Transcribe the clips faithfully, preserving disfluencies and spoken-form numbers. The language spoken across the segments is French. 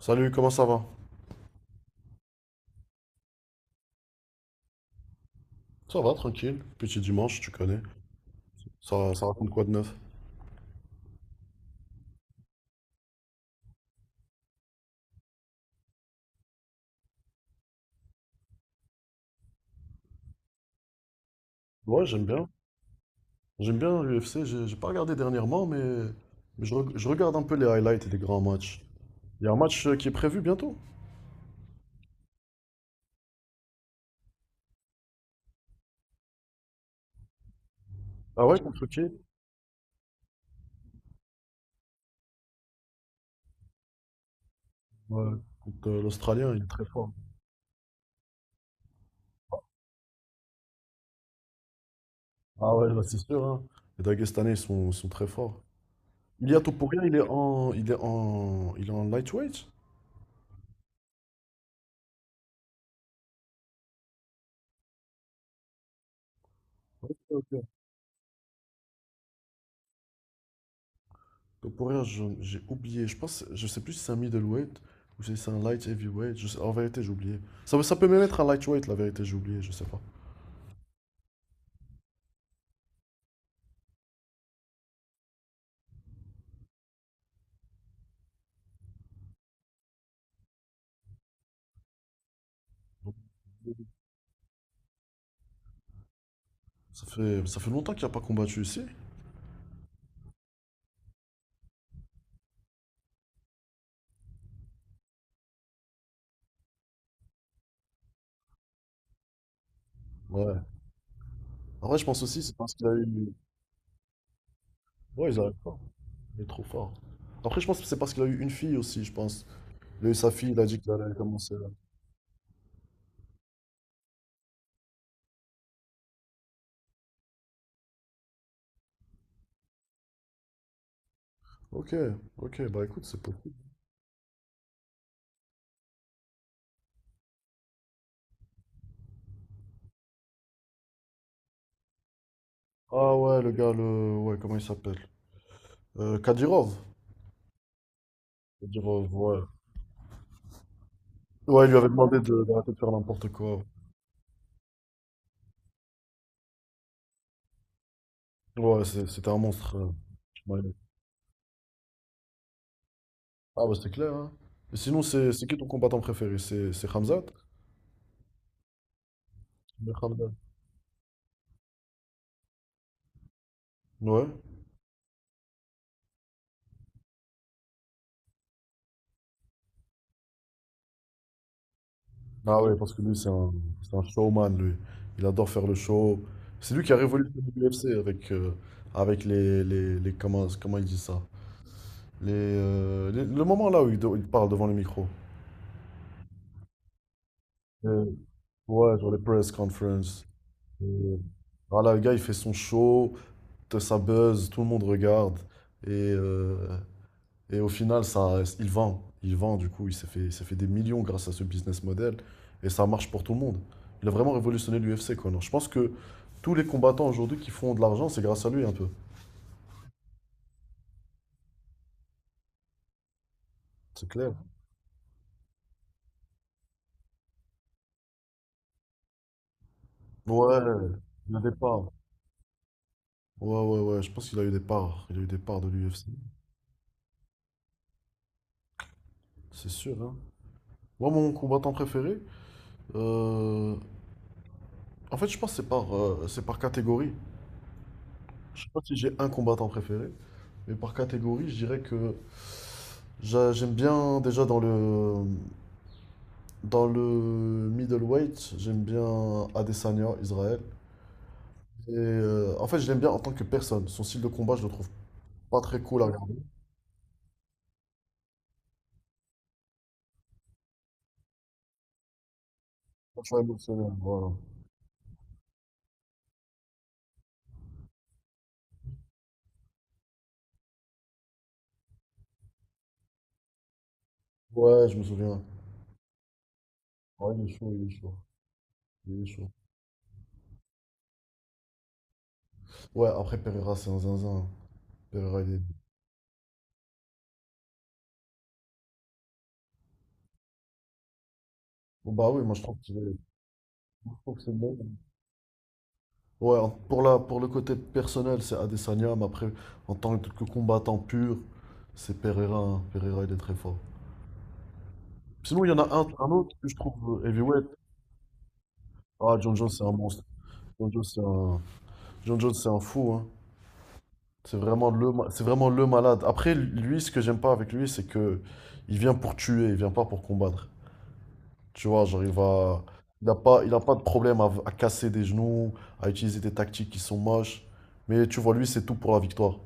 Salut, comment ça va? Ça va, tranquille. Petit dimanche, tu connais. Ça, ça raconte quoi de neuf? Ouais, j'aime bien. J'aime bien l'U F C. J'ai j'ai pas regardé dernièrement, mais, mais je, reg- je regarde un peu les highlights et les grands matchs. Il y a un match euh, qui est prévu bientôt. Ah ouais, contre qui? Ouais, contre euh, l'Australien, il est très fort. Ah ouais, là, c'est sûr, hein. Les Dagestanais, ils sont, ils sont très forts. Ilia Topuria, il est en, il est en, il est en lightweight? Le poids rire, je- j'ai oublié. Je pense, je sais plus si c'est un middleweight ou si c'est un light heavyweight. Je sais- en vérité, j'ai oublié. Ça, ça peut même être un lightweight, la vérité, j'ai oublié, je sais pas. Ça fait, ça fait longtemps qu'il n'a pas combattu ici. Ouais. En vrai, je pense aussi, c'est parce qu'il a eu. Ouais, ils arrivent pas. Il est trop fort. Après, je pense que c'est parce qu'il a eu une fille aussi, je pense. Il a eu sa fille, il a dit qu'il allait commencer. Ok, ok, bah écoute, c'est possible. Ah ouais, le gars, le. Ouais, comment il s'appelle? Euh, Kadirov. Kadirov, ouais. Ouais, il lui avait demandé de- d'arrêter de faire n'importe quoi. Ouais, c'est- c'était un monstre. Euh, ouais. Ah bah c'est clair, hein. Et sinon, c'est c'est qui ton combattant préféré? C'est c'est Khamzat? Le Khamzat. Ouais. Ah ouais, parce que lui, c'est un, c'est un showman, lui. Il adore faire le show. C'est lui qui a révolutionné l'U F C avec, euh, avec les, les, les- Comment, comment il dit ça? Les, euh, les- le moment là où il, do- il parle devant le micro. Euh, ouais, genre les press conferences. Euh, voilà, le gars, il fait son show, t- ça buzz, tout le monde regarde. Et euh, Et au final, ça, il vend. Il vend, du coup, il s'est fait, il s'est fait des millions grâce à ce business model. Et ça marche pour tout le monde. Il a vraiment révolutionné l'U F C, Conor. Je pense que tous les combattants aujourd'hui qui font de l'argent, c'est grâce à lui un peu. C'est clair. Ouais, il a des parts. Ouais, ouais, ouais, je pense qu'il a eu des parts. Il a eu des parts de l'U F C. C'est sûr, hein. Moi, mon combattant préféré, euh, en fait, je pense que c'est par, euh, c'est par catégorie. Je sais pas si j'ai un combattant préféré, mais par catégorie, je dirais que j'a- j'aime bien déjà dans le dans le middleweight, j'aime bien Adesanya, Israël. Et euh, en fait, je l'aime bien en tant que personne. Son style de combat, je le trouve pas très cool à regarder. Pas très émotionnel, voilà. Ouais, je me souviens. Ouais, il est chaud, il est chaud. Il est chaud. Ouais, après Pereira, c'est un zinzin. Pereira, il est. Bon, bah oui, moi je trouve qu'il est. Je trouve que c'est bon. Ouais, en- pour la, pour le côté personnel, c'est Adesanya, mais après, en tant que combattant pur, c'est Pereira, hein. Pereira, il est très fort. Sinon, il y en a un, un autre que je trouve euh, heavyweight. Ah, John Jones, c'est un monstre. John Jones, c'est un, John Jones, c'est un fou, hein. C'est vraiment le, ma- c'est vraiment le malade. Après, lui, ce que j'aime pas avec lui, c'est que il vient pour tuer, il vient pas pour combattre. Tu vois, genre, il va, il a pas, il a pas de problème à, à casser des genoux, à utiliser des tactiques qui sont moches. Mais tu vois, lui, c'est tout pour la victoire.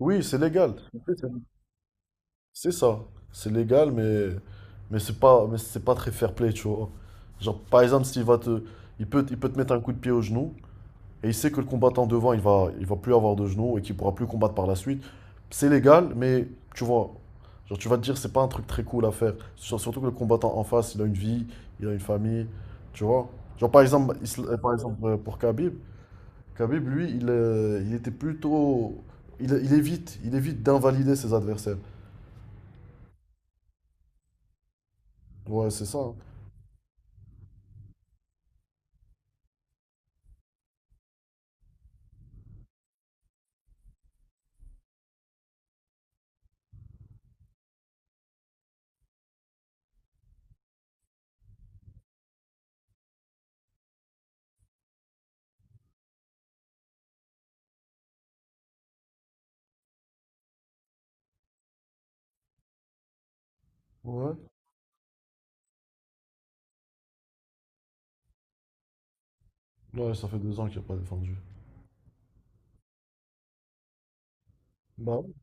Oui, c'est légal. C'est ça. C'est ça. C'est légal, mais, mais c'est pas, mais c'est pas très fair play, tu vois. Genre, par exemple, s'il va te, il peut, il peut te mettre un coup de pied au genou, et il sait que le combattant devant, il va, il va plus avoir de genou et qu'il pourra plus combattre par la suite. C'est légal, mais tu vois, genre, tu vas te dire, c'est pas un truc très cool à faire. Sur- Surtout que le combattant en face, il a une vie, il a une famille, tu vois. Genre, par exemple, Isla- par exemple, euh, pour Khabib, Khabib, lui, il, euh, il était plutôt. Il, il évite, il évite d'invalider ses adversaires. Ouais, c'est ça, hein. Ouais. Ouais, ça fait deux ans qu'il n'a pas défendu. Bah oui.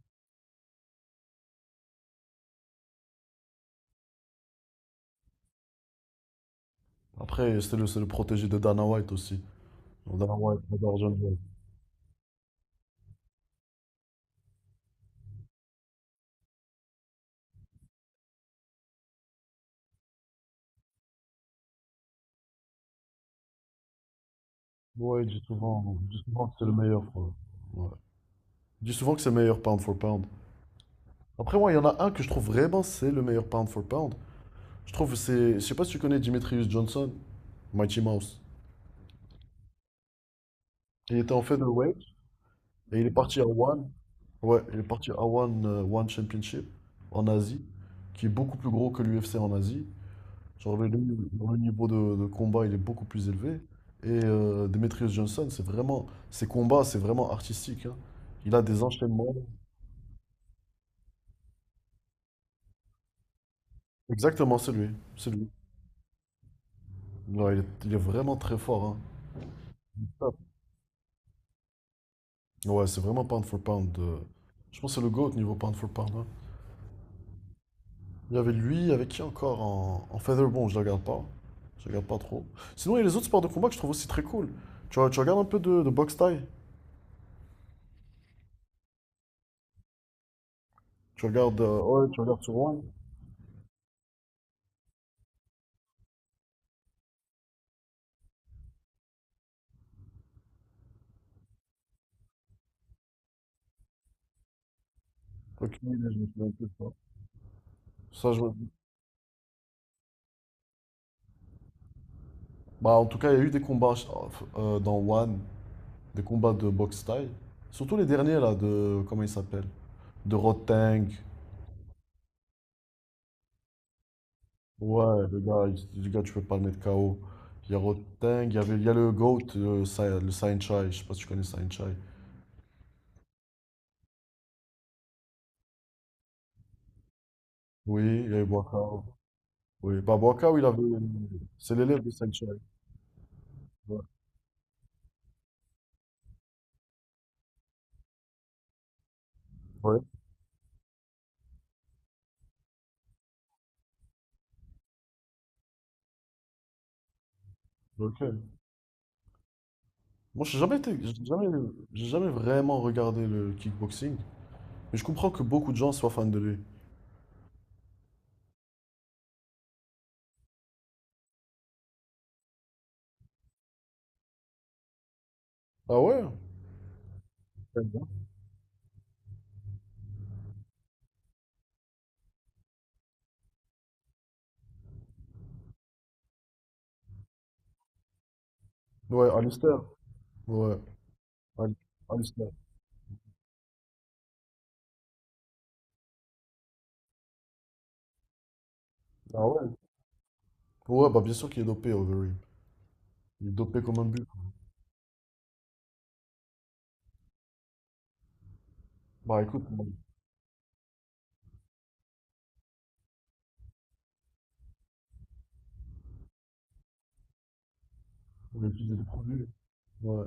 Après, c'est le, c'est le protégé de Dana White aussi. Donc, Dana White adore John Jones. Ouais, il dit souvent, il dit souvent que c'est le meilleur, quoi. Ouais. Il dit souvent que c'est le meilleur pound for pound. Après, moi, il y en a un que je trouve vraiment c'est le meilleur pound for pound. Je trouve que c'est. Je sais pas si tu connais Demetrius Johnson, Mighty Mouse. Il était en featherweight et il est parti à One. Ouais, il est parti à One, euh, One Championship en Asie, qui est beaucoup plus gros que l'U F C en Asie. Genre le, le niveau de, de combat, il est beaucoup plus élevé. Et euh, Demetrius Johnson, c'est vraiment, ses combats, c'est vraiment artistique, hein. Il a des enchaînements. Exactement, c'est lui. C'est lui. Ouais, il est, il est vraiment très fort, hein. Ouais, c'est vraiment pound for pound. euh, Je pense que c'est le GOAT niveau pound for pound, hein. Il y avait lui, avec qui encore en, en, Featherbone, je ne la regarde pas. Je ne regarde pas trop. Sinon, il y a les autres sports de combat que je trouve aussi très cool. Tu, re- tu regardes un peu de, de boxe thaï? Tu regardes. euh, ouais, tu regardes sur One? Aucune idée, je me souviens plus de ça. Ça, je. Bah, en tout cas, il y a eu des combats euh, dans One, des combats de boxe thaï. Surtout les derniers, là, de. Comment il s'appelle? De Roteng. Ouais, le gars, il- le gars, tu peux pas le mettre K O. Il y a Roteng, il y avait, il y a le GOAT, euh, Sa- le Sain Chai. Je sais pas si tu connais Sain Chai. Oui, il y a eu Boakao. Oui, Babacar, oui, il avait. C'est l'élève de Sanchez. Ouais. Ouais. Ok. Moi, j'ai jamais été, j'ai jamais, j'ai jamais vraiment regardé le kickboxing, mais je comprends que beaucoup de gens soient fans de lui. Ah ouais? Très bien. Ouais, Alistair. Ouais. Al- Alistair. Ah ouais? Ouais, bah bien sûr qu'il est dopé, Overeem. Il est dopé comme un but. Bah écoute, on on étudie des produits. Ouais.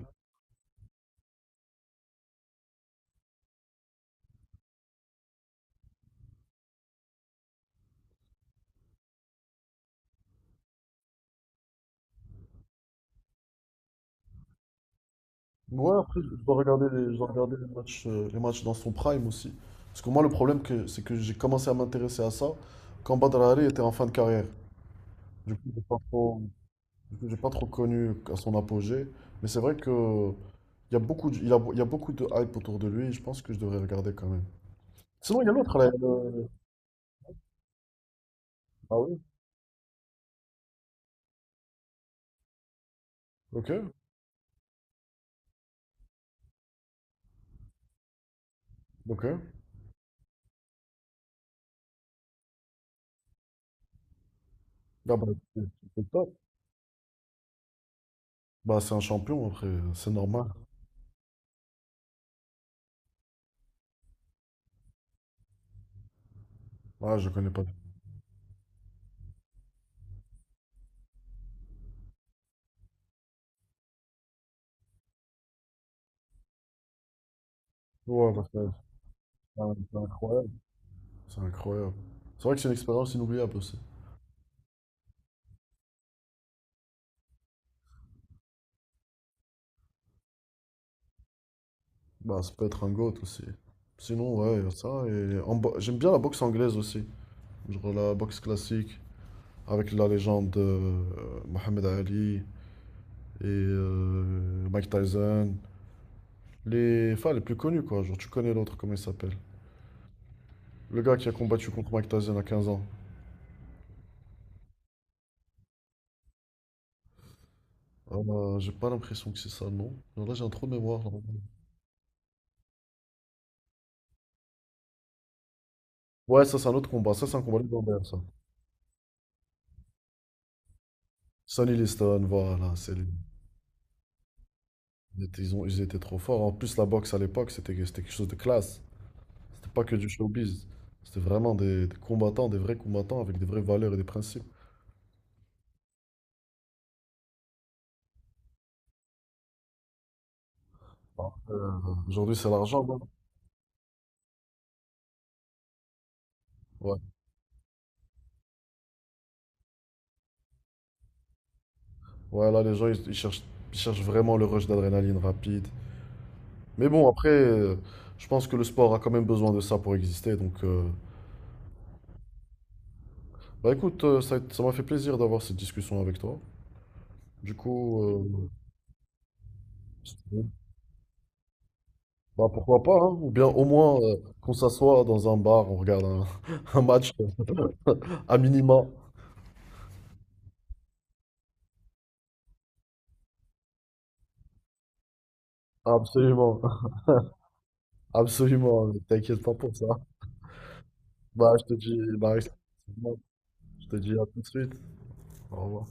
Ouais, après, je dois regarder les, je dois regarder les matchs, euh, les matchs dans son prime aussi. Parce que moi, le problème, que, c'est que j'ai commencé à m'intéresser à ça quand Badr Ali était en fin de carrière. Du coup, j'ai pas trop, du coup, j'ai pas trop connu à son apogée. Mais c'est vrai que il y a beaucoup de, il y a, il y a beaucoup de hype autour de lui. Je pense que je devrais regarder quand même. Sinon, il y a l'autre, là. le- Ah oui? Ok, ok. Ah bah, c'est c'est top. Bah, c'est un champion, après, c'est normal. Ouais, je connais pas. Ouais, bah, c'est c'est un- c'est incroyable. C'est incroyable. C'est vrai que c'est une expérience inoubliable aussi. Bah, ça peut être un GOAT aussi. Sinon, ouais, y a ça. Et en bo- j'aime bien la boxe anglaise aussi. Genre la boxe classique, avec la légende de euh, Mohamed Ali et euh, Mike Tyson. Les, enfin, les plus connus, quoi. Genre, tu connais l'autre, comment il s'appelle? Le gars qui a combattu contre Mike Tyson à quinze ans. Euh, j'ai pas l'impression que c'est ça, non. Genre là, j'ai un trou de mémoire, là. Ouais, ça, c'est un autre combat. Ça, c'est un combat légendaire, ça. Sonny Liston, voilà, c'est lui. Ils étaient, ils ont- ils étaient trop forts. En plus, la boxe à l'époque, c'était c'était quelque chose de classe. C'était pas que du showbiz. C'était vraiment des, des combattants, des vrais combattants avec des vraies valeurs et des principes. Alors que, euh, aujourd'hui, c'est l'argent, non? Ouais. Ouais, là, les gens, ils, ils cherchent, ils cherchent vraiment le rush d'adrénaline rapide. Mais bon, après, euh, je pense que le sport a quand même besoin de ça pour exister. Donc, euh, bah écoute, euh, ça, ça m'a fait plaisir d'avoir cette discussion avec toi. Du coup, euh, si tu veux, bah pourquoi pas, hein. Ou bien au moins euh, qu'on s'assoit dans un bar, on regarde un, un match. euh, À minima. Absolument. Absolument, mais t'inquiète pas pour ça. Bah, je te dis, bah, je te dis à tout de suite. Au revoir.